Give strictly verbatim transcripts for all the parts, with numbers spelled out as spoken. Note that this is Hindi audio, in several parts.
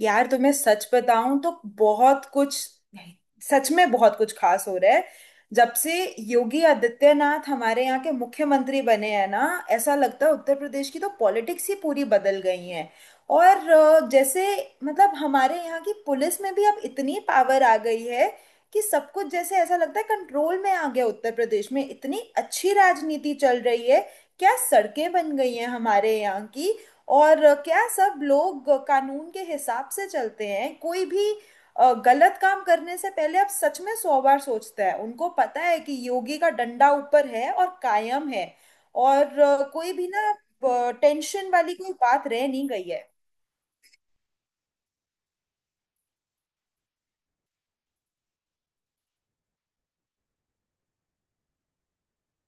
यार तुम्हें सच बताऊं तो बहुत कुछ सच में बहुत कुछ खास हो रहा है। जब से योगी आदित्यनाथ हमारे यहाँ के मुख्यमंत्री बने हैं ना, ऐसा लगता है उत्तर प्रदेश की तो पॉलिटिक्स ही पूरी बदल गई है। और अ, जैसे मतलब हमारे यहाँ की पुलिस में भी अब इतनी पावर आ गई है कि सब कुछ जैसे ऐसा लगता है कंट्रोल में आ गया। उत्तर प्रदेश में इतनी अच्छी राजनीति चल रही है। क्या सड़कें बन गई हैं हमारे यहाँ की। और क्या सब लोग कानून के हिसाब से चलते हैं। कोई भी अ, गलत काम करने से पहले अब सच में सौ बार सोचता है। उनको पता है कि योगी का डंडा ऊपर है और कायम है। और अ, कोई भी ना टेंशन वाली कोई बात रह नहीं गई है।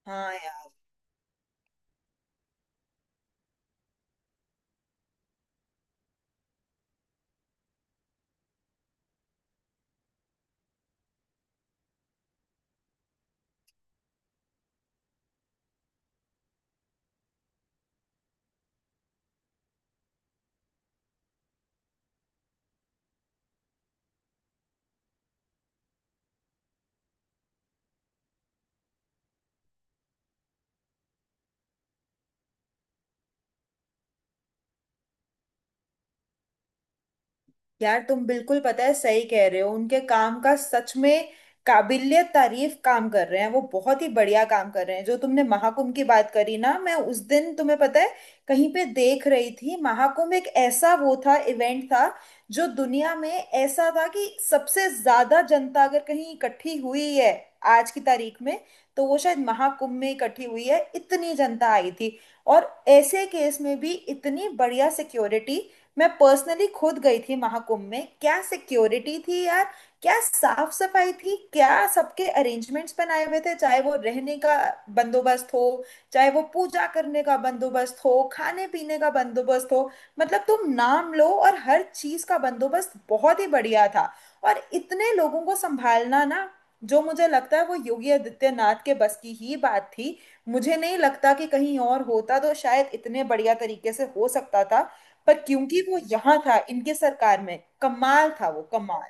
हाँ, यार तुम बिल्कुल पता है सही कह रहे हो। उनके काम का सच में काबिलियत तारीफ। काम कर रहे हैं वो बहुत ही बढ़िया काम कर रहे हैं। जो तुमने महाकुंभ की बात करी ना, मैं उस दिन तुम्हें पता है कहीं पे देख रही थी, महाकुंभ एक ऐसा वो था इवेंट था जो दुनिया में ऐसा था कि सबसे ज्यादा जनता अगर कहीं इकट्ठी हुई है आज की तारीख में, तो वो शायद महाकुंभ में इकट्ठी हुई है। इतनी जनता आई थी और ऐसे केस में भी इतनी बढ़िया सिक्योरिटी। मैं पर्सनली खुद गई थी महाकुंभ में, क्या सिक्योरिटी थी यार, क्या साफ सफाई थी, क्या सबके अरेंजमेंट्स बनाए हुए थे। चाहे वो रहने का बंदोबस्त हो, चाहे वो पूजा करने का बंदोबस्त हो, खाने पीने का बंदोबस्त हो, मतलब तुम नाम लो और हर चीज का बंदोबस्त बहुत ही बढ़िया था। और इतने लोगों को संभालना ना, जो मुझे लगता है वो योगी आदित्यनाथ के बस की ही बात थी। मुझे नहीं लगता कि कहीं और होता तो शायद इतने बढ़िया तरीके से हो सकता था। पर क्योंकि वो यहाँ था इनके सरकार में, कमाल था वो, कमाल।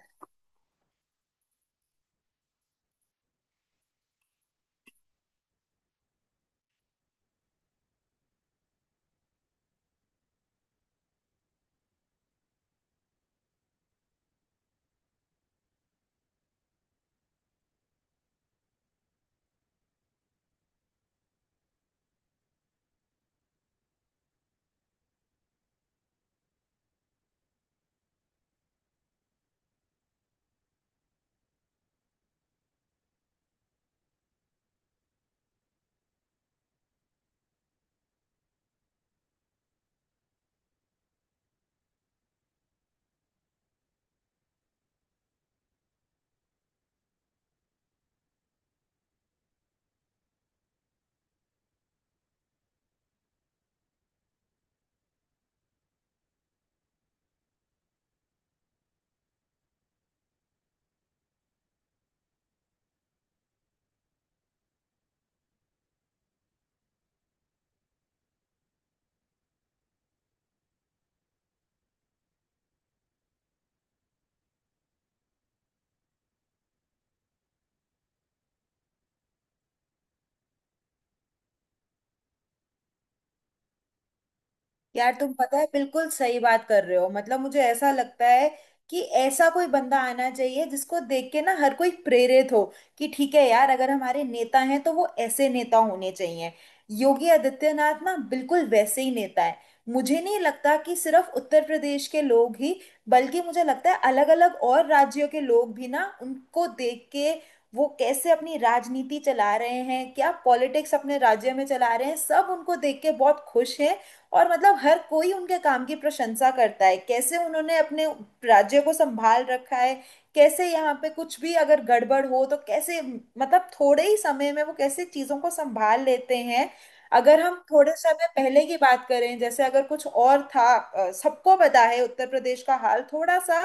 यार तुम पता है बिल्कुल सही बात कर रहे हो। मतलब मुझे ऐसा लगता है कि ऐसा कोई बंदा आना चाहिए जिसको देख के ना हर कोई प्रेरित हो कि ठीक है यार अगर हमारे नेता हैं तो वो ऐसे नेता होने चाहिए। योगी आदित्यनाथ ना बिल्कुल वैसे ही नेता है। मुझे नहीं लगता कि सिर्फ उत्तर प्रदेश के लोग ही, बल्कि मुझे लगता है अलग अलग और राज्यों के लोग भी ना उनको देख के वो कैसे अपनी राजनीति चला रहे हैं, क्या पॉलिटिक्स अपने राज्य में चला रहे हैं, सब उनको देख के बहुत खुश हैं। और मतलब हर कोई उनके काम की प्रशंसा करता है कैसे उन्होंने अपने राज्य को संभाल रखा है, कैसे यहाँ पे कुछ भी अगर गड़बड़ हो तो कैसे मतलब थोड़े ही समय में वो कैसे चीजों को संभाल लेते हैं। अगर हम थोड़े समय पहले की बात करें, जैसे अगर कुछ और था, अ, सबको पता है उत्तर प्रदेश का हाल थोड़ा सा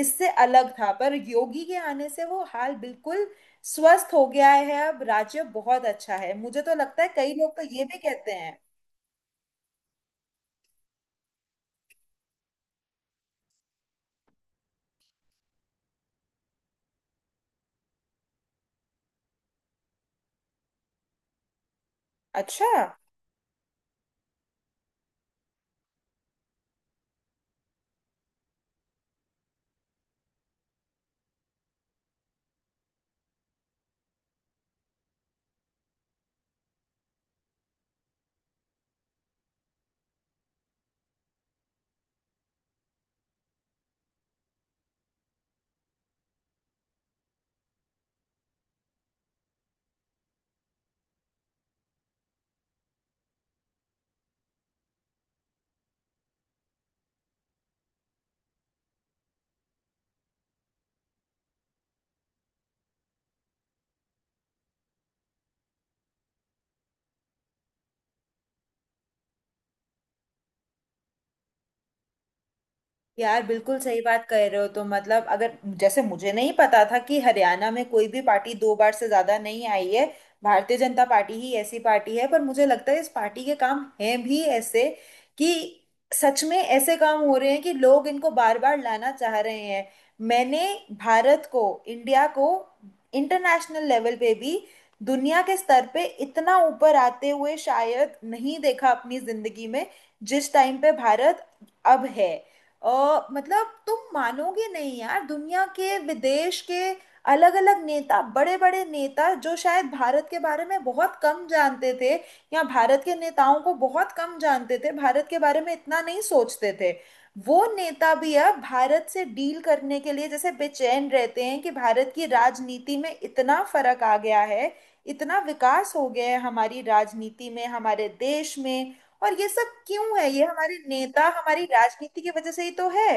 इससे अलग था, पर योगी के आने से वो हाल बिल्कुल स्वस्थ हो गया है। अब राज्य बहुत अच्छा है। मुझे तो लगता है कई लोग तो ये भी कहते हैं। अच्छा। यार बिल्कुल सही बात कह रहे हो तो। मतलब अगर, जैसे मुझे नहीं पता था कि हरियाणा में कोई भी पार्टी दो बार से ज्यादा नहीं आई है, भारतीय जनता पार्टी ही ऐसी पार्टी है। पर मुझे लगता है इस पार्टी के काम हैं भी ऐसे कि सच में ऐसे काम हो रहे हैं कि लोग इनको बार बार लाना चाह रहे हैं। मैंने भारत को, इंडिया को इंटरनेशनल लेवल पे भी, दुनिया के स्तर पे इतना ऊपर आते हुए शायद नहीं देखा अपनी जिंदगी में जिस टाइम पे भारत अब है। अ, मतलब तुम मानोगे नहीं यार, दुनिया के विदेश के अलग अलग नेता, बड़े बड़े नेता, जो शायद भारत के बारे में बहुत कम जानते थे या भारत के नेताओं को बहुत कम जानते थे, भारत के बारे में इतना नहीं सोचते थे, वो नेता भी अब भारत से डील करने के लिए जैसे बेचैन रहते हैं कि भारत की राजनीति में इतना फर्क आ गया है, इतना विकास हो गया है हमारी राजनीति में, हमारे देश में। और ये सब क्यों है? ये हमारे नेता, हमारी राजनीति की वजह से ही तो है।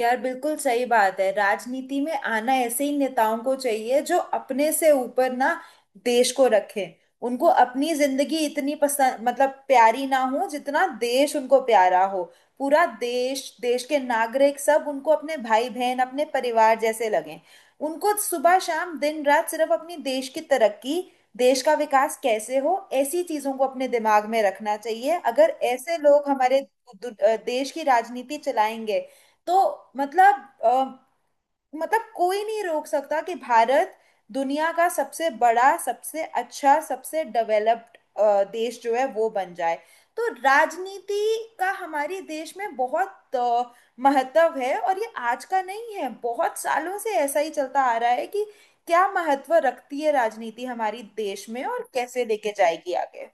यार बिल्कुल सही बात है। राजनीति में आना ऐसे ही नेताओं को चाहिए जो अपने से ऊपर ना देश को रखें। उनको अपनी जिंदगी इतनी पसंद, मतलब प्यारी ना हो जितना देश उनको प्यारा हो। पूरा देश, देश के नागरिक सब उनको अपने भाई बहन, अपने परिवार जैसे लगें। उनको सुबह शाम दिन रात सिर्फ अपनी देश की तरक्की, देश का विकास कैसे हो, ऐसी चीजों को अपने दिमाग में रखना चाहिए। अगर ऐसे लोग हमारे दु- दु- देश की राजनीति चलाएंगे तो मतलब अ, मतलब कोई नहीं रोक सकता कि भारत दुनिया का सबसे बड़ा, सबसे अच्छा, सबसे डेवलप्ड देश जो है वो बन जाए। तो राजनीति का हमारे देश में बहुत अ, महत्व है। और ये आज का नहीं है, बहुत सालों से ऐसा ही चलता आ रहा है कि क्या महत्व रखती है राजनीति हमारी देश में और कैसे लेके जाएगी आगे।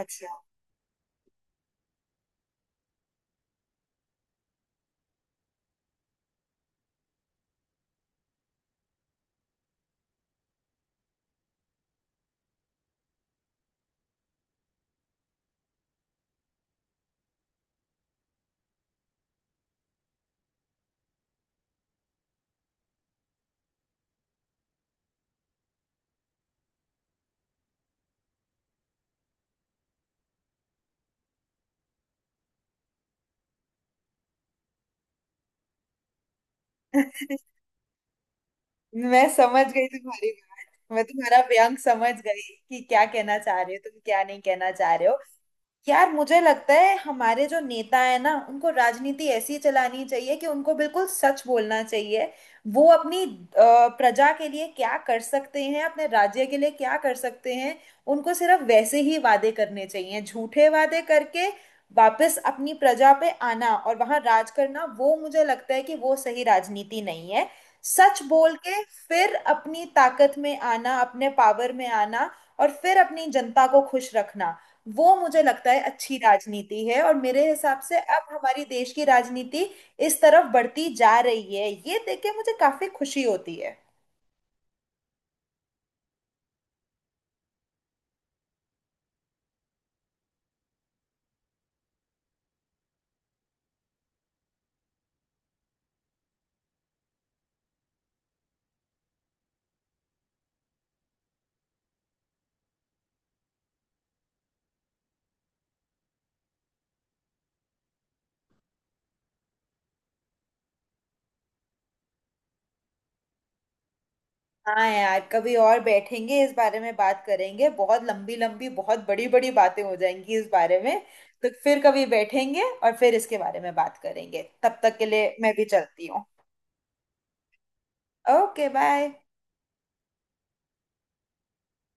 अच्छा। मैं समझ गई तुम्हारी, मैं तुम्हारा व्यंग समझ गई कि क्या कहना चाह रहे हो तुम, क्या नहीं कहना चाह रहे हो। यार मुझे लगता है हमारे जो नेता है ना, उनको राजनीति ऐसी चलानी चाहिए कि उनको बिल्कुल सच बोलना चाहिए। वो अपनी अ, प्रजा के लिए क्या कर सकते हैं, अपने राज्य के लिए क्या कर सकते हैं। उनको सिर्फ वैसे ही वादे करने चाहिए, झूठे वादे करके वापस अपनी प्रजा पे आना और वहां राज करना, वो मुझे लगता है कि वो सही राजनीति नहीं है। सच बोल के फिर अपनी ताकत में आना, अपने पावर में आना और फिर अपनी जनता को खुश रखना, वो मुझे लगता है अच्छी राजनीति है। और मेरे हिसाब से अब हमारी देश की राजनीति इस तरफ बढ़ती जा रही है, ये देख के मुझे काफी खुशी होती है। हाँ, यार कभी और बैठेंगे, इस बारे में बात करेंगे। बहुत लंबी लंबी, बहुत बड़ी बड़ी बातें हो जाएंगी इस बारे में। तो फिर कभी बैठेंगे और फिर इसके बारे में बात करेंगे। तब तक के लिए मैं भी चलती हूँ। Okay bye.